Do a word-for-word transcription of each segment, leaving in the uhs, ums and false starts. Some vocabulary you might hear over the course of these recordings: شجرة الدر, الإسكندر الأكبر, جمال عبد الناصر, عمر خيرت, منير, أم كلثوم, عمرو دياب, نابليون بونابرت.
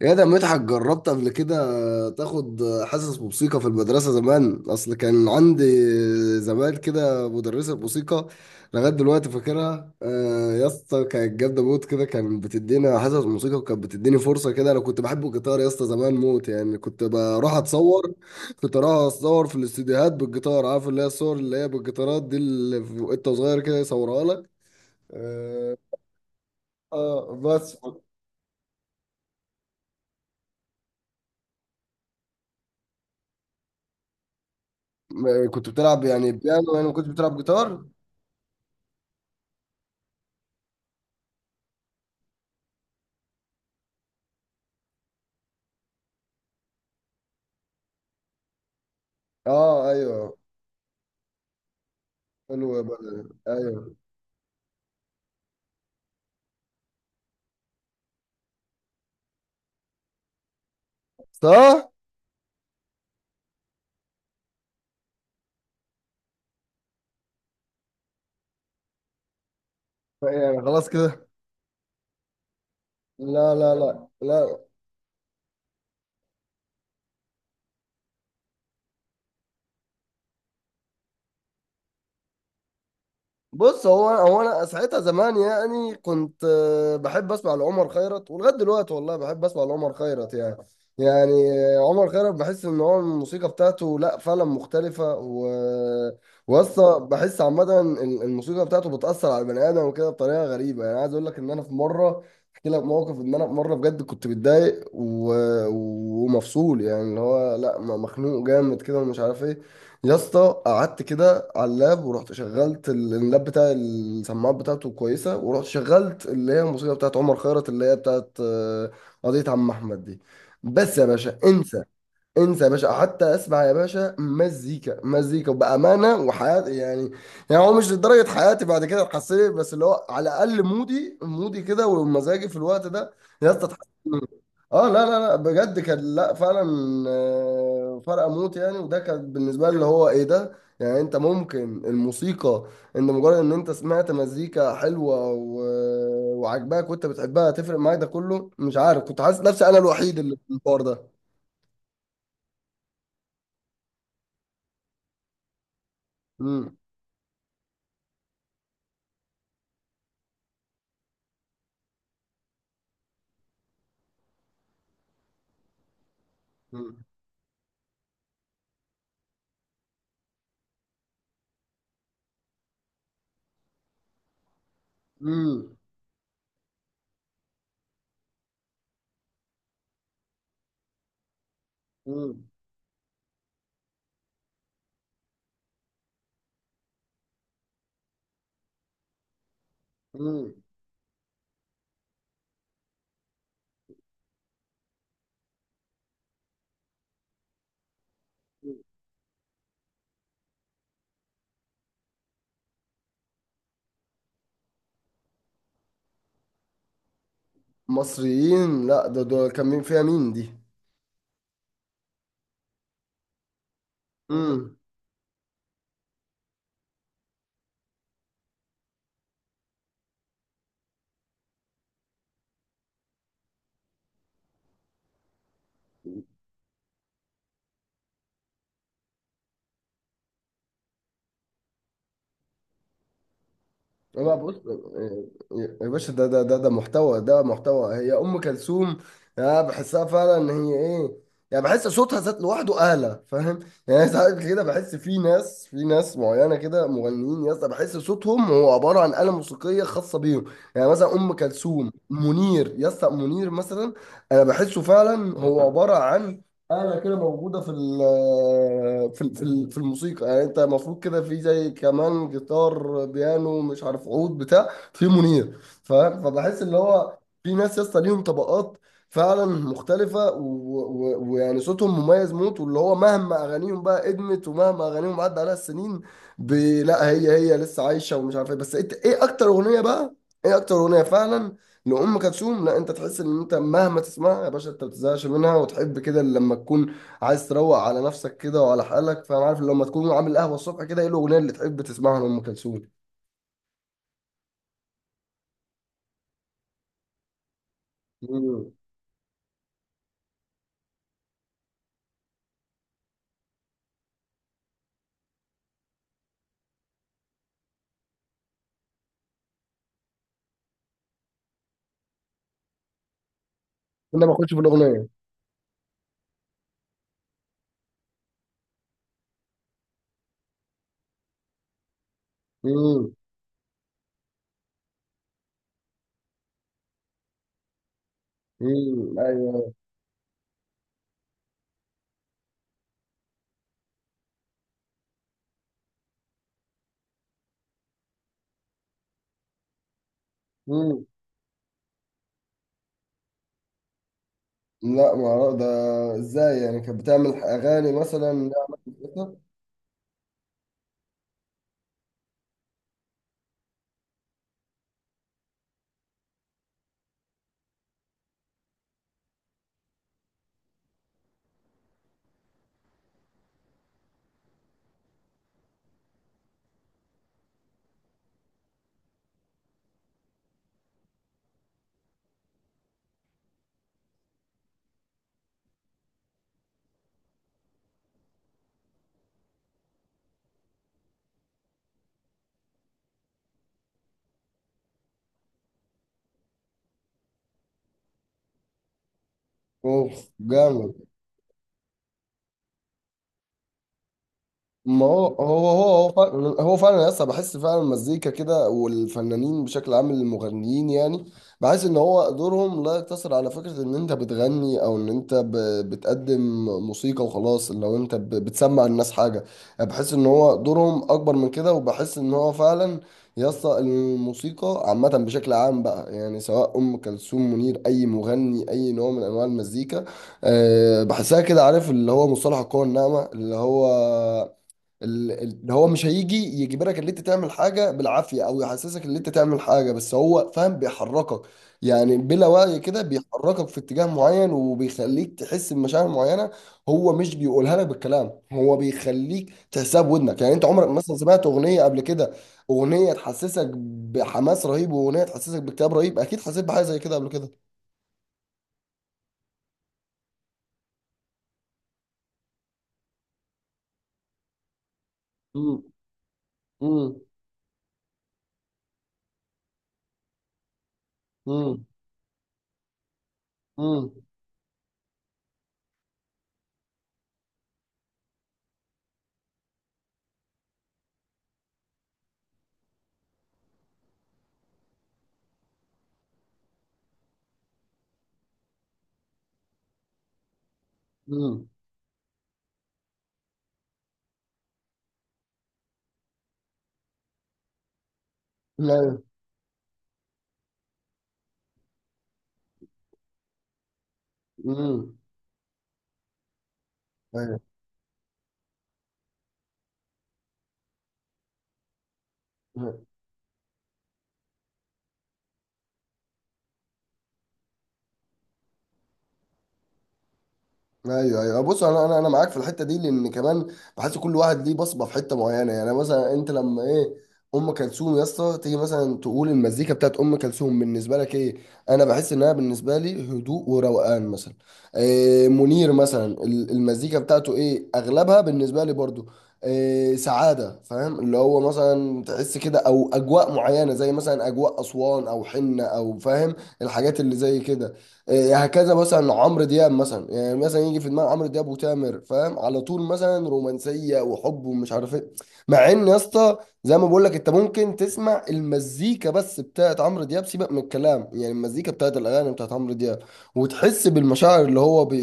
يا ده مدحت، جربت قبل كده تاخد حصص موسيقى في المدرسة زمان؟ أصل كان عندي زمان كده مدرسة موسيقى. لغاية دلوقتي فاكرها. آه، يا اسطى، كانت جامدة موت كده، كانت بتدينا حصص موسيقى وكانت بتديني فرصة كده. أنا كنت بحب الجيتار يا اسطى زمان موت، يعني كنت بروح أتصور كنت أروح أتصور في الاستديوهات بالجيتار. عارف اللي هي الصور اللي هي بالجيتارات دي اللي في- وأنت صغير كده يصورها لك. آه، آه، بس. كنت بتلعب يعني بيانو، يعني ما كنتش بتلعب جيتار. اه، ايوه. حلو يا بدر، ايوه. صح؟ يعني خلاص كده. لا، لا، لا، لا. بص، هو هو انا ساعتها زمان يعني كنت آه، بحب اسمع لعمر خيرت، ولغايه دلوقتي والله بحب اسمع لعمر خيرت يعني يعني آه، عمر خيرت، بحس ان هو الموسيقى بتاعته لا فعلا مختلفه. و وأصلا بحس عامه ال- الموسيقى بتاعته بتاثر على البني ادم وكده بطريقه غريبه. يعني عايز اقول لك ان انا في مره، احكي لك موقف ان انا في مره بجد كنت متضايق و... ومفصول، يعني اللي هو لا، مخنوق جامد كده ومش عارف ايه. يا اسطى قعدت كده على اللاب، ورحت شغلت ال- اللاب بتاع السماعات بتاعته كويسة، ورحت شغلت اللي هي الموسيقى بتاعت عمر خيرت، اللي هي بتاعت آه، قضية عم أحمد دي. بس يا باشا، انسى انسى يا باشا، حتى اسمع يا باشا، مزيكا مزيكا، وبامانه وحياتي يعني. يعني هو مش لدرجه حياتي بعد كده اتحسنت، بس اللي هو على الاقل مودي مودي كده ومزاجي في الوقت ده يا اسطى اتحسن. اه، لا، لا، لا، بجد كان، لا فعلا، آه، فرق موت يعني. وده كان بالنسبه لي اللي هو ايه ده يعني، انت ممكن الموسيقى، ان مجرد ان انت سمعت مزيكا حلوه و... وعجباك وانت بتحبها تفرق معاك، ده كله مش عارف، كنت حاسس نفسي انا الوحيد اللي في الحوار ده. امم، امم، امم، امم. مصريين؟ لا، ده ده كان مين فيها؟ مين دي؟ امم. بقى بص يا باشا، ده ده ده ده محتوى، ده محتوى هي ام كلثوم. انا بحسها فعلا ان هي ايه، يعني بحس صوتها ذات لوحده اعلى، فاهم؟ يعني ساعات كده بحس في ناس، في ناس معينه كده، مغنيين يا اسطى، بحس صوتهم هو عباره عن آلة موسيقيه خاصه بيهم. يعني مثلا ام كلثوم، منير يا اسطى، منير مثلا، انا بحسه فعلا هو عباره عن آلة كده موجودة في ال، في ال- في ال- في الموسيقى. يعني أنت المفروض كده في زي كمان جيتار، بيانو، مش عارف، عود، بتاع في منير، فاهم. فبحس اللي هو في ناس يا اسطى ليهم طبقات فعلا مختلفة، و- و- ويعني صوتهم مميز موت، واللي هو مهما أغانيهم بقى قدمت ومهما أغانيهم عدى عليها السنين، ب- لا هي هي لسه عايشة ومش عارف إيه. بس إنت إيه أكتر أغنية بقى، إيه أكتر أغنية فعلا لأم كلثوم، لا انت تحس ان انت مهما تسمعها يا باشا انت ما بتزهقش منها، وتحب كده لما تكون عايز تروق على نفسك كده وعلى حالك. فانا عارف لما تكون عامل قهوه الصبح كده، ايه الاغنيه اللي تحب تسمعها لأم كلثوم؟ مم. كنا بنخش في الاغنيه. مم. مم. ايوه. مم. لا، ما أعرف- ده ازاي يعني، كانت بتعمل اغاني مثلا؟ اوف جامد. ما هو هو هو هو فعلا، هو فعلا لسه بحس فعلا المزيكا كده والفنانين بشكل عام المغنيين يعني، بحس ان هو دورهم لا يقتصر على فكرة ان انت بتغني، او ان انت ب- بتقدم موسيقى وخلاص، لو انت ب- بتسمع الناس حاجة. يعني بحس ان هو دورهم اكبر من كده، وبحس ان هو فعلا يسطا الموسيقى عامة بشكل عام بقى، يعني سواء أم كلثوم، منير، أي مغني، أي نوع من أنواع المزيكا، أه بحسها كده. عارف اللي هو مصطلح القوة الناعمة، اللي هو ال- ال- اللي هو مش هيجي يجبرك ان انت تعمل حاجه بالعافيه، او يحسسك ان انت تعمل حاجه، بس هو فاهم بيحركك، يعني بلا وعي كده بيحركك في اتجاه معين، وبيخليك تحس بمشاعر معينه. هو مش بيقولها لك بالكلام، هو بيخليك تحسها بودنك. يعني انت عمرك مثلا سمعت اغنيه قبل كده، اغنيه تحسسك بحماس رهيب واغنيه تحسسك باكتئاب رهيب؟ اكيد حسيت بحاجه زي كده قبل كده. امم، امم، امم، امم، امم، ايوه، امم، ايوه. ايوه، بص انا انا انا معاك في الحته دي، لان كمان بحس كل واحد ليه بصمه في حته معينه. يعني مثلا انت لما ايه، ام كلثوم يا اسطى، تيجي مثلا تقول المزيكا بتاعت ام كلثوم بالنسبه لك ايه، انا بحس انها بالنسبه لي هدوء وروقان مثلا. إيه منير مثلا، ال- المزيكا بتاعته ايه، اغلبها بالنسبه لي برضو إيه سعاده، فاهم؟ اللي هو مثلا تحس كده، او اجواء معينه زي مثلا اجواء اسوان او حنه او فاهم الحاجات اللي زي كده. إيه هكذا مثلا عمرو دياب مثلا، يعني مثلا يجي في دماغ عمرو دياب وتامر، فاهم على طول، مثلا رومانسيه وحب ومش عارف ايه. مع ان يا اسطى، زي ما بقول لك، انت ممكن تسمع المزيكا بس بتاعت عمرو دياب، سيبك من الكلام، يعني المزيكا بتاعت الاغاني بتاعت عمرو دياب، وتحس بالمشاعر اللي هو بي...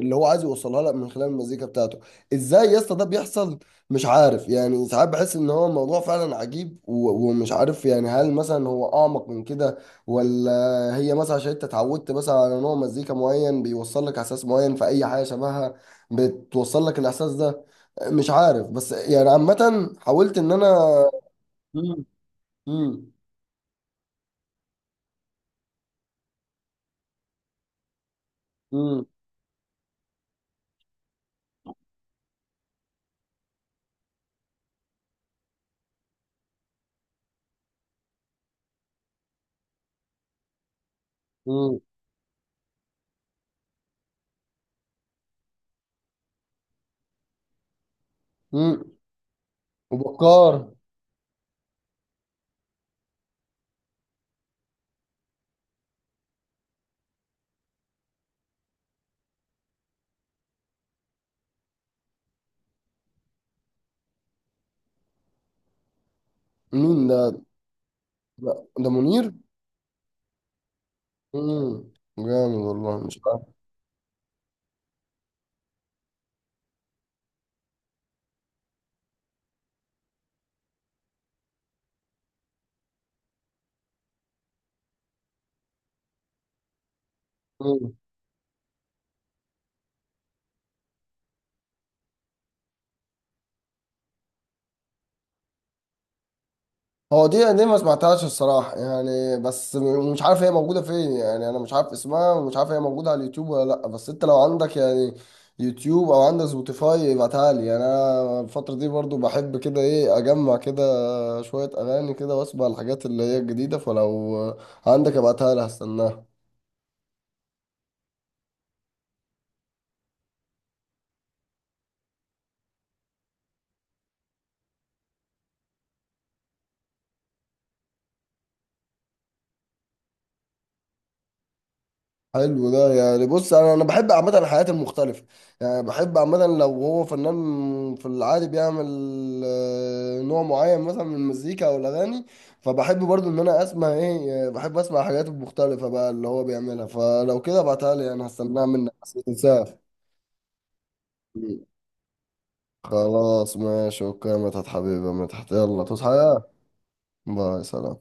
اللي هو عايز يوصلها لك من خلال المزيكا بتاعته. ازاي يا اسطى ده بيحصل؟ مش عارف، يعني ساعات بحس ان هو الموضوع فعلا عجيب، و... ومش عارف يعني، هل مثلا هو اعمق من كده، ولا هي مثلا عشان انت اتعودت مثلا على نوع مزيكا معين بيوصل لك احساس معين، في اي حاجه شبهها بتوصل لك الاحساس ده، مش عارف. بس يعني عامه حاولت ان انا. مم. مم. مم. مم. مم. وبكار. مين ده؟ ده ده منير. مم. جامد والله. مش عارف هو دي دي ما سمعتهاش الصراحة يعني، بس م- مش عارف هي موجودة فين، يعني أنا مش عارف اسمها، ومش عارف هي موجودة على اليوتيوب ولا لأ. بس أنت لو عندك يعني يوتيوب أو عندك سبوتيفاي ابعتها لي. يعني أنا الفترة دي برضو بحب كده إيه أجمع كده شوية أغاني كده، وأسمع الحاجات اللي هي الجديدة. فلو عندك ابعتها لي، هستناها. حلو ده. يعني بص، انا انا بحب عامه الحياة المختلفه، يعني بحب عامه لو هو فنان في العادي بيعمل آه، نوع معين مثلا من المزيكا او الاغاني، فبحب برضو ان انا اسمع ايه، آه، بحب اسمع الحاجات المختلفه بقى اللي هو بيعملها. فلو كده ابعتها لي، انا هستناها منك، بس ما تنساها. خلاص ماشي، اوكي يا مدحت حبيبي، يا مدحت يلا تصحى يا. باي، سلام.